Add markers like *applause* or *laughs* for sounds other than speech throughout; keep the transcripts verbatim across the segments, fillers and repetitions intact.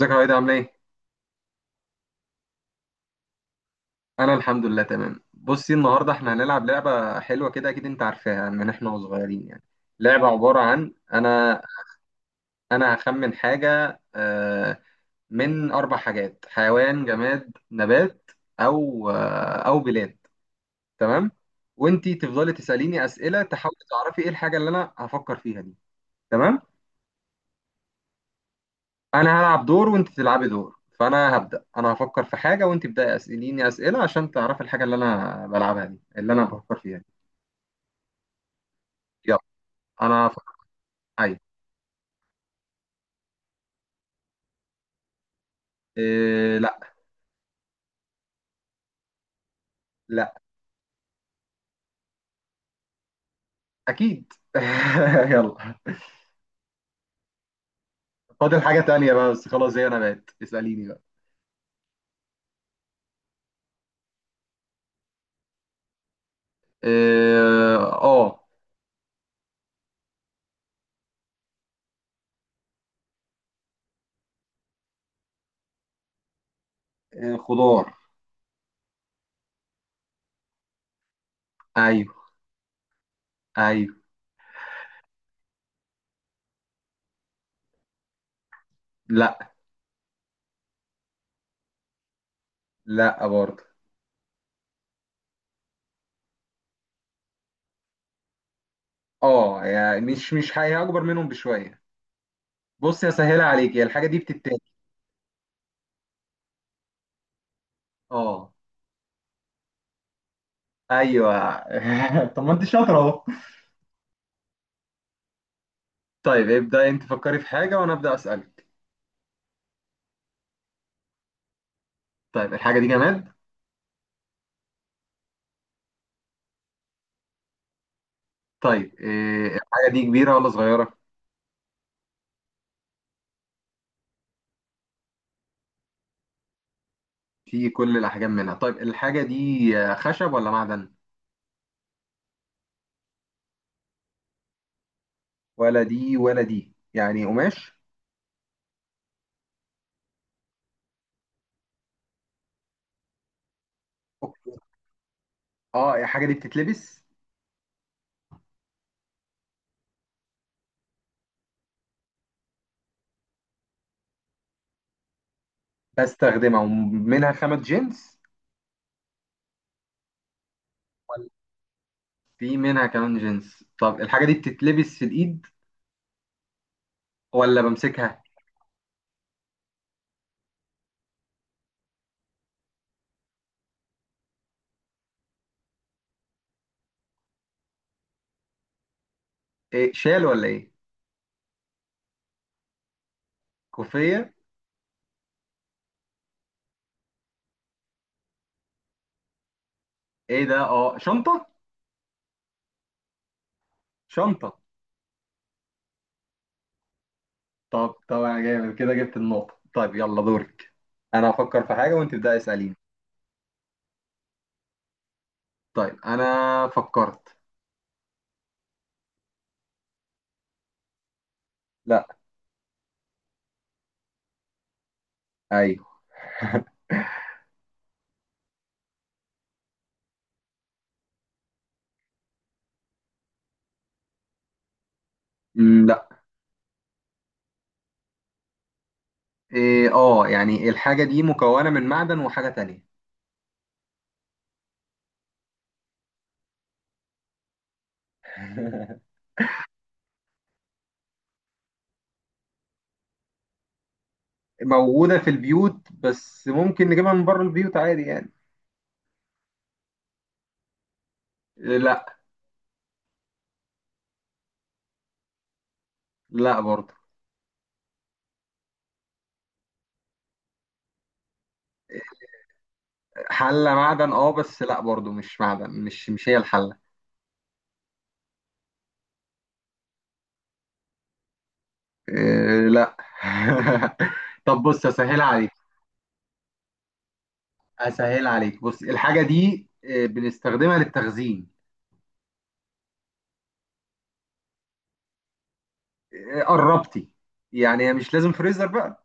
ازيك يا عايدة، عاملة ايه؟ أنا الحمد لله تمام. بصي، النهاردة احنا هنلعب لعبة حلوة كده، أكيد أنت عارفاها من احنا وصغيرين يعني. لعبة عبارة عن أنا أنا هخمن حاجة، آه، من أربع حاجات: حيوان، جماد، نبات، أو آه، أو بلاد. تمام؟ وأنتي تفضلي تسأليني أسئلة تحاولي تعرفي ايه الحاجة اللي أنا هفكر فيها دي. تمام؟ أنا هلعب دور وأنت تلعبي دور، فأنا هبدأ أنا هفكر في حاجة وأنت تبدأي أسأليني أسئلة عشان تعرفي الحاجة اللي أنا بلعبها دي اللي أنا بفكر فيها. يلا. انا ف... اي. إيه، لا. لا. اكيد. *laughs* يلا. فاضل حاجة تانية بقى، بس خلاص، زي انا بقت اسأليني بقى. إيه، اه. إيه، خضار. ايوه. ايوه. لا. لا برضه. اه، يعني مش مش حاجة اكبر منهم بشوية. بص يا سهلة عليك، هي الحاجة دي بتتاكل. اه. ايوه. *laughs* طب ما انت شاطرة اهو. طيب ابدأ انت، فكري في حاجة وانا ابدأ اسألك. طيب الحاجة دي جماد؟ طيب إيه، الحاجة دي كبيرة ولا صغيرة؟ فيه كل الأحجام منها. طيب الحاجة دي آه، خشب ولا معدن؟ ولا دي ولا دي، يعني قماش؟ أوكي. اه، الحاجة دي بتتلبس؟ بستخدمها ومنها خامة جنس ولا؟ في منها كمان جنس. طب الحاجة دي بتتلبس في الإيد ولا بمسكها؟ إيه، شال ولا إيه؟ كوفية؟ إيه ده، اه شنطة؟ شنطة. طب طبعا جامد كده، جبت النقطة. طيب يلا دورك. أنا هفكر في حاجة وأنت تبدأي اسأليني. طيب أنا فكرت. لا. أيوه. إيه، اه، يعني الحاجة دي مكونة من معدن وحاجة تانية. موجودة في البيوت، بس ممكن نجيبها من بره البيوت عادي يعني. إيه، لا. لا برضه. حلة معدن، اه، بس لا برضه، مش معدن، مش مش هي الحلة. إيه، لا. *laughs* طب بص اسهل عليك. اسهل عليك، بص الحاجة دي، إيه، بنستخدمها للتخزين. إيه، قربتي. يعني هي مش لازم فريزر بقى.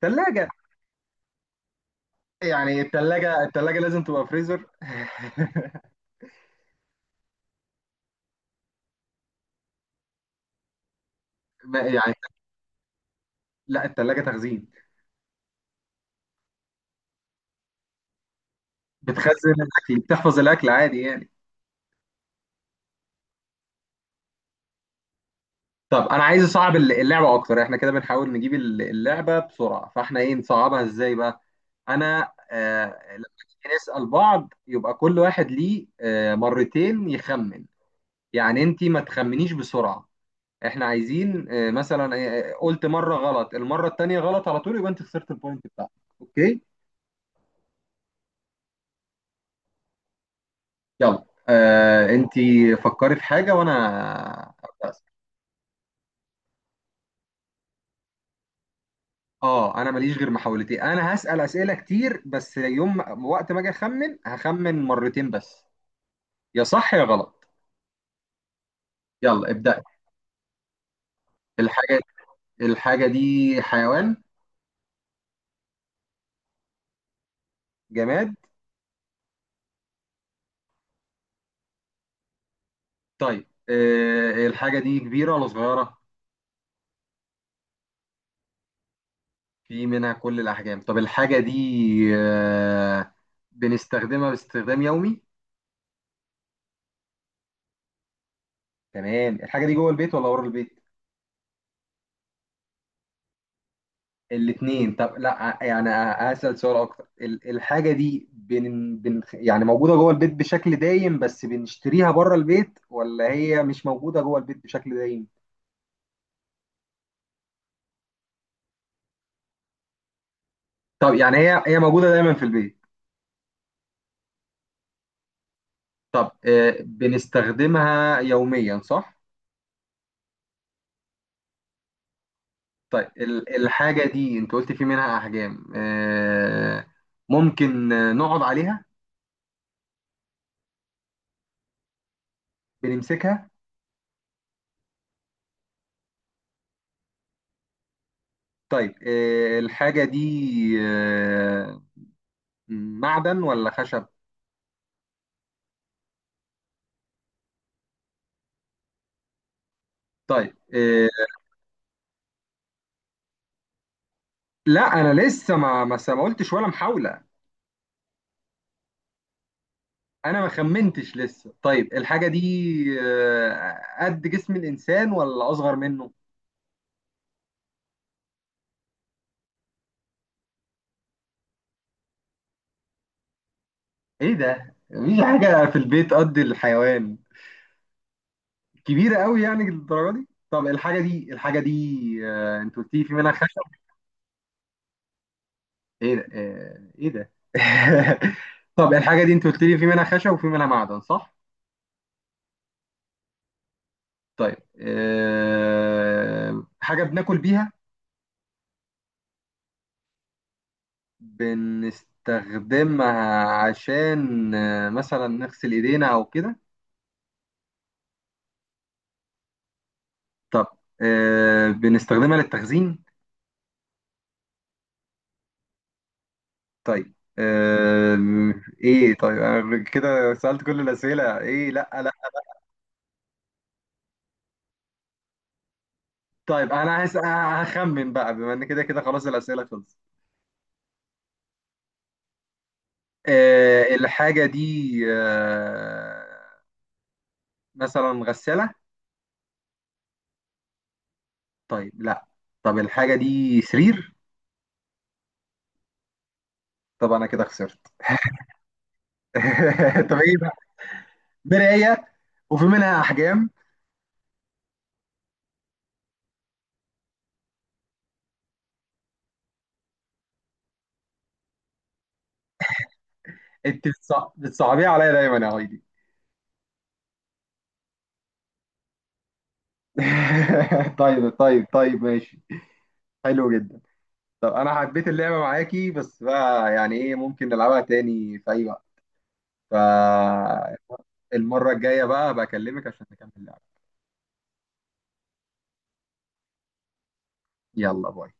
تلاجة. يعني التلاجة، التلاجة لازم تبقى فريزر؟ *laughs* يعني لا، التلاجة تخزين. بتخزن الاكل، بتحفظ الاكل عادي يعني. طب انا عايز اصعب الل- اللعبه اكتر، احنا كده بنحاول نجيب الل- اللعبه بسرعه، فاحنا ايه نصعبها ازاي بقى. انا آه لما نيجي نسال بعض يبقى كل واحد ليه آه مرتين يخمن. يعني انت ما تخمنيش بسرعه. احنا عايزين آه مثلا، آه قلت مره غلط، المره التانيه غلط على طول، يبقى انت خسرت البوينت بتاعتك. اوكي. يلا آه انت فكري في حاجه وانا، اه انا ماليش غير محاولتين، انا هسأل اسئله كتير، بس يوم ما- وقت ما اجي اخمن هخمن مرتين بس، يا صح يا غلط. يلا ابدأ. الحاجه الحاجه دي حيوان؟ جماد؟ طيب آه الحاجه دي كبيره ولا صغيره؟ في منها كل الاحجام. طب الحاجه دي آه بنستخدمها باستخدام يومي؟ تمام، الحاجه دي جوه البيت ولا بره البيت؟ الاثنين. طب لا يعني، اسال سؤال اكتر. ال- الحاجه دي بن بن يعني موجوده جوه البيت بشكل دايم بس بنشتريها بره البيت، ولا هي مش موجوده جوه البيت بشكل دايم؟ طب يعني هي هي موجوده دايما في البيت. طب آه، بنستخدمها يوميا صح؟ طيب ال- الحاجه دي، انت قلت في منها احجام، آه، ممكن آه، نقعد عليها؟ بنمسكها؟ طيب آه، الحاجه دي آه، معدن ولا خشب؟ طيب آه، لا انا لسه ما ما ما قلتش ولا محاوله. انا ما خمنتش لسه. طيب الحاجه دي آه، قد جسم الانسان ولا اصغر منه؟ ايه ده، مفيش حاجه في البيت قد الحيوان كبيره قوي يعني للدرجه دي. طب الحاجه دي الحاجه دي آه، انت قلت لي في منها خشب. ايه ده، آه، ايه ده. *laughs* طب الحاجه دي انت قلت لي في منها خشب وفي منها معدن، صح؟ طيب آه، حاجه بناكل بيها؟ بنستخدمها عشان آه، مثلا نغسل ايدينا او كده؟ طب آه، بنستخدمها للتخزين؟ طيب آه، ايه، طيب أنا كده سألت كل الأسئلة. ايه، لا لا. طيب انا هس- هخمن بقى، بما ان كده كده خلاص الأسئلة خلصت. آه، الحاجة دي آه، مثلا غسالة؟ طيب لا. طب الحاجة دي سرير؟ طب انا كده خسرت. *laughs* طب ايه بقى؟ مراية. وفي منها احجام. انت بتصع- بتصعبيها عليا دايما يا هايدي. *laughs* طيب طيب طيب ماشي. حلو جدا. طب انا حبيت اللعبه معاكي، بس بقى يعني، ايه، ممكن نلعبها تاني في اي وقت؟ فالمره الجايه بقى بكلمك عشان نكمل اللعبه. يلا باي.